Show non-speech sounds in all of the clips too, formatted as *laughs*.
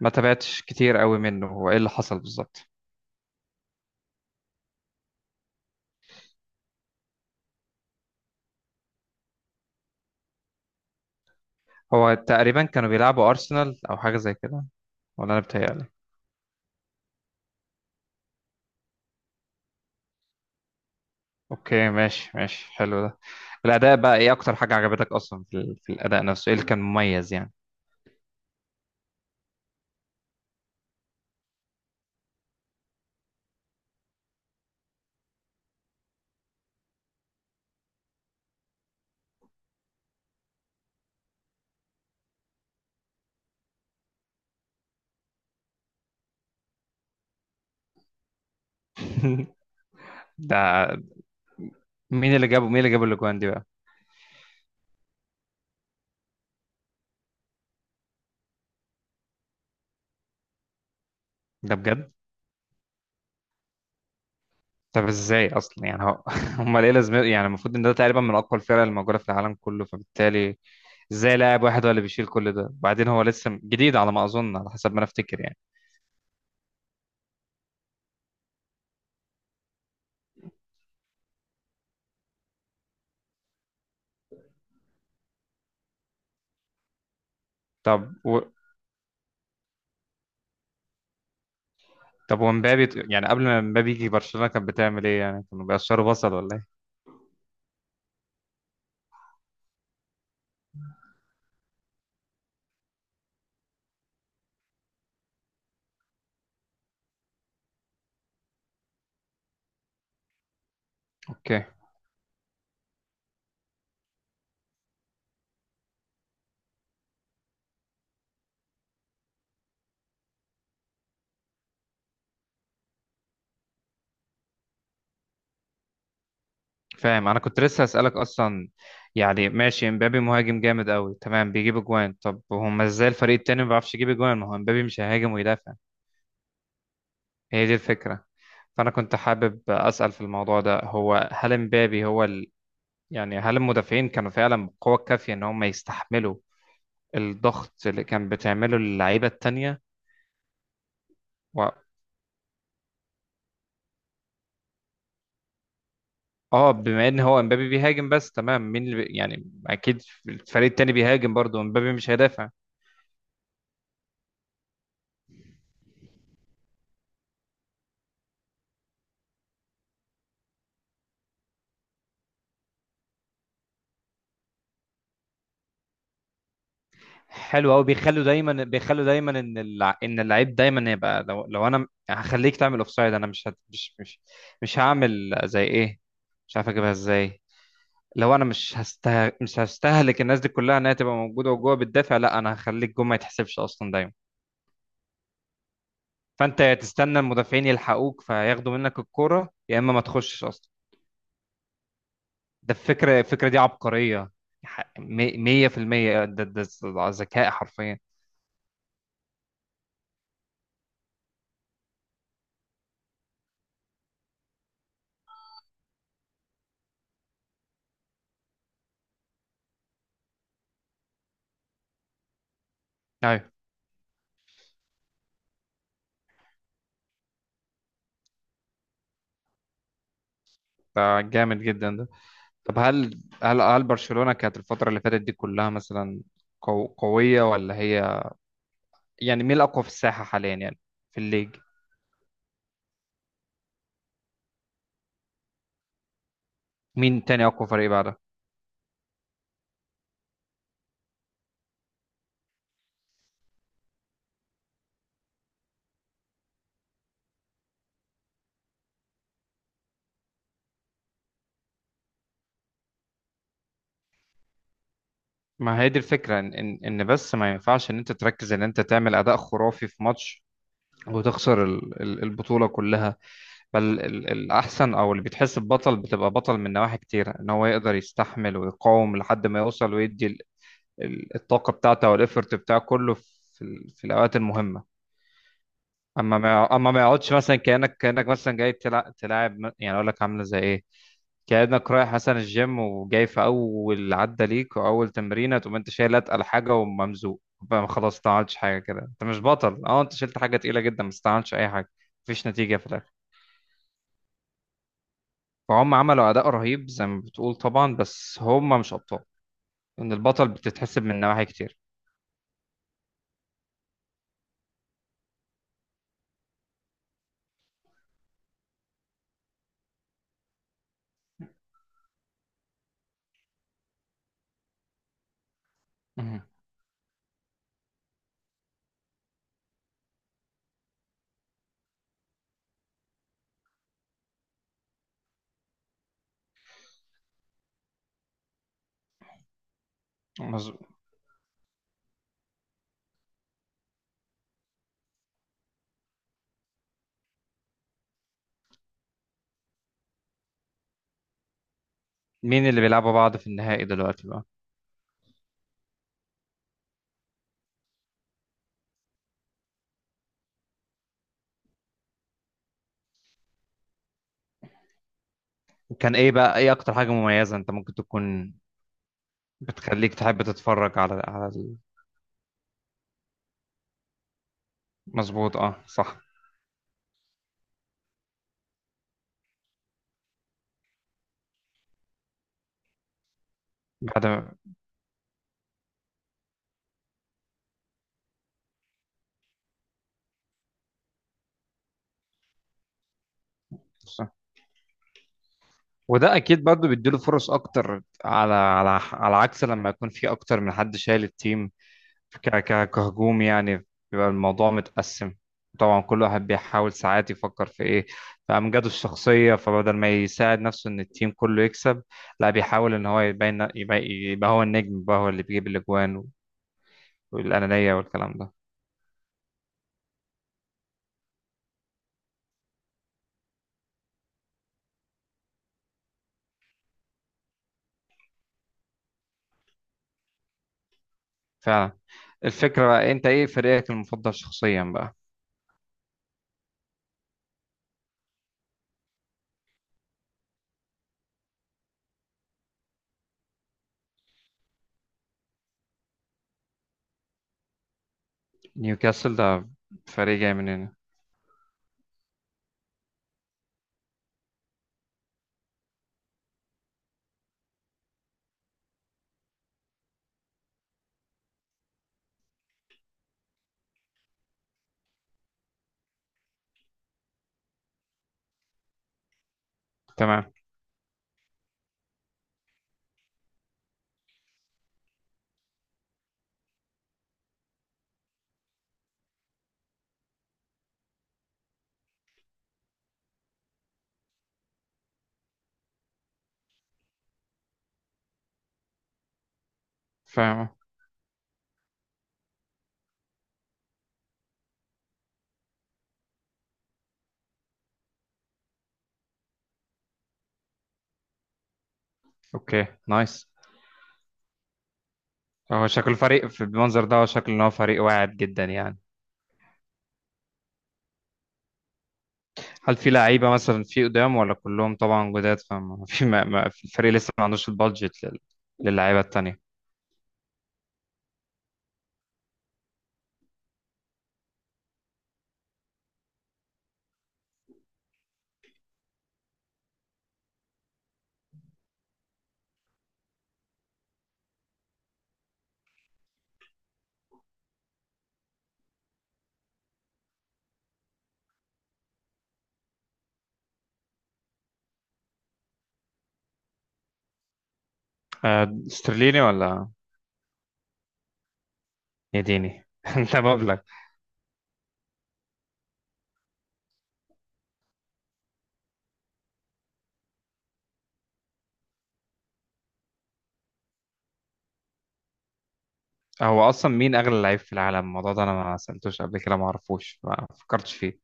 ما تابعتش كتير قوي منه, هو ايه اللي حصل بالظبط؟ هو تقريبا كانوا بيلعبوا ارسنال او حاجه زي كده, ولا انا بتهيألي. اوكي, ماشي ماشي, حلو ده. الاداء بقى ايه اكتر حاجه عجبتك اصلا في الاداء نفسه؟ ايه اللي كان مميز يعني؟ ده, مين اللي جاب الاجوان دي بقى؟ ده بجد؟ طب ازاي اصلا يعني هو *laughs* امال ايه لازمته يعني؟ المفروض ان ده تقريبا من اقوى الفرق الموجوده في العالم كله, فبالتالي ازاي لاعب واحد هو اللي بيشيل كل ده؟ وبعدين هو لسه جديد على ما اظن, على حسب ما انا افتكر يعني. طب و... طب ومبابي يعني قبل ما مبابي يجي برشلونة كانت بتعمل ايه؟ يعني كانوا بيقشروا بصل ولا ايه؟ اوكي, فاهم, انا كنت لسه هسألك اصلا. يعني ماشي, مبابي مهاجم جامد قوي تمام بيجيب اجوان, طب هما ازاي الفريق التاني ما بيعرفش يجيب اجوان؟ ما هو مبابي مش هيهاجم ويدافع, هي دي الفكرة. فانا كنت حابب اسأل في الموضوع ده, هو هل مبابي يعني هل المدافعين كانوا فعلا بالقوة الكافية ان هم يستحملوا الضغط اللي كان بتعمله اللعيبة التانية؟ اه, بما ان هو امبابي بيهاجم بس تمام, مين اللي يعني اكيد الفريق التاني بيهاجم برضه, امبابي مش هيدافع. حلو قوي, بيخلوا دايما ان اللعيب دايما يبقى, لو انا هخليك تعمل اوفسايد, انا مش هعمل زي ايه, مش عارف اجيبها ازاي. لو انا مش هستهلك الناس دي كلها انها تبقى موجوده وجوه بتدافع, لا انا هخليك جوه ما يتحسبش اصلا دايما. فانت يا تستنى المدافعين يلحقوك فياخدوا منك الكوره, يا اما ما تخشش اصلا. ده الفكرة, الفكرة دي عبقرية. مية في المية, ده ذكاء حرفيا. أيوة, ده جامد جدا ده. طب هل برشلونة كانت الفترة اللي فاتت دي كلها مثلا قوية ولا هي؟ يعني مين الأقوى في الساحة حاليا يعني؟ في الليج؟ مين تاني أقوى فريق بعدها؟ ما هي دي الفكرة, إن بس ما ينفعش إن أنت تركز إن أنت تعمل أداء خرافي في ماتش وتخسر البطولة كلها. بل الأحسن أو اللي بيتحس ببطل بتبقى بطل من نواحي كتير, إن هو يقدر يستحمل ويقاوم لحد ما يوصل ويدي الطاقة بتاعته والإفرت بتاعه كله في الأوقات المهمة. أما ما يقعدش مثلا كأنك مثلا جاي تلاعب يعني أقول لك عاملة زي إيه؟ كأنك رايح مثلا الجيم وجاي في أول عدة ليك وأول تمرينة, تقوم أنت شايل أتقل حاجة وممزوق بقى خلاص, ما عملتش حاجة, كده أنت مش بطل. أه, أنت شلت حاجة تقيلة جدا بس ما عملتش أي حاجة, مفيش نتيجة في الآخر. فهم عملوا أداء رهيب زي ما بتقول طبعا, بس هم مش أبطال. إن البطل بتتحسب من نواحي كتير. مهم. مظبوط. مين اللي بيلعبوا بعض في النهائي دلوقتي بقى؟ وكان إيه بقى إيه أكتر حاجة مميزة أنت ممكن تكون بتخليك تحب تتفرج على مظبوط, أه صح. بعد ما- صح. وده أكيد برضه بيديله فرص أكتر على عكس لما يكون في أكتر من حد شايل التيم, كهجوم يعني, بيبقى الموضوع متقسم. طبعا كل واحد بيحاول ساعات يفكر في ايه, في امجاده الشخصيه, فبدل ما يساعد نفسه ان التيم كله يكسب, لا بيحاول ان هو يبين يبقى هو النجم, يبقى هو اللي بيجيب الاجوان والانانيه والكلام ده. فعلا. الفكره بقى, انت ايه فريقك المفضل شخصيا بقى؟ نيوكاسل ده فريق جاي من هنا؟ تمام. فاهم. اوكي, نايس. هو شكل الفريق في المنظر ده, هو شكل ان هو فريق واعد جدا يعني. هل في لعيبة مثلا في قدام ولا كلهم طبعا جداد؟ فما في, ما في الفريق لسه ما عندوش البادجت للعيبة التانية؟ آه, استرليني ولا؟ يديني *laughs* ده مبلغ. هو اصلا مين اغلى لعيب في العالم؟ الموضوع ده انا ما سألتوش قبل كده, ما اعرفوش, ما فكرتش فيه.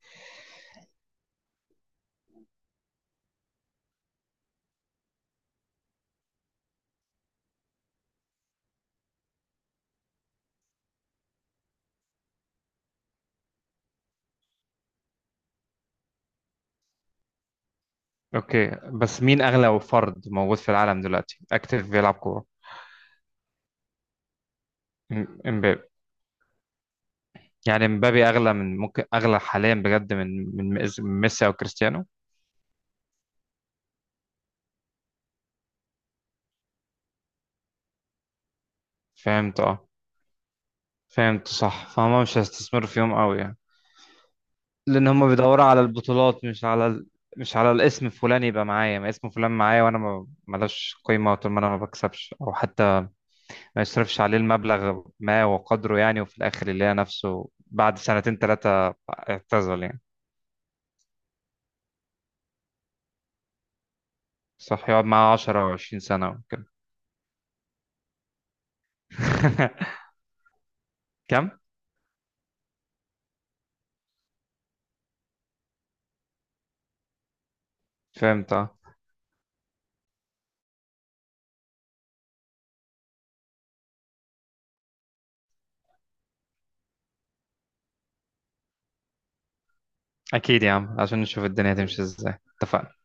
اوكي, بس مين اغلى فرد موجود في العالم دلوقتي اكتف بيلعب كورة؟ امبابي. يعني امبابي اغلى, من ممكن اغلى حاليا بجد من ميسي او كريستيانو؟ فهمت اه. فهمت صح, فهم مش هيستثمروا فيهم قوي, لان هم بيدوروا على البطولات, مش على الاسم. فلان يبقى معايا, ما اسم فلان معايا وانا ما ملوش قيمه طول ما انا ما بكسبش, او حتى ما يصرفش عليه المبلغ, ما وقدره يعني, وفي الاخر يلاقي نفسه بعد سنتين ثلاثه اعتزل يعني. صح, يقعد معاه 10 او 20 سنه وكده. *laughs* كم؟ فهمت اه. اكيد يا عم, عشان نشوف الدنيا تمشي ازاي. اتفقنا.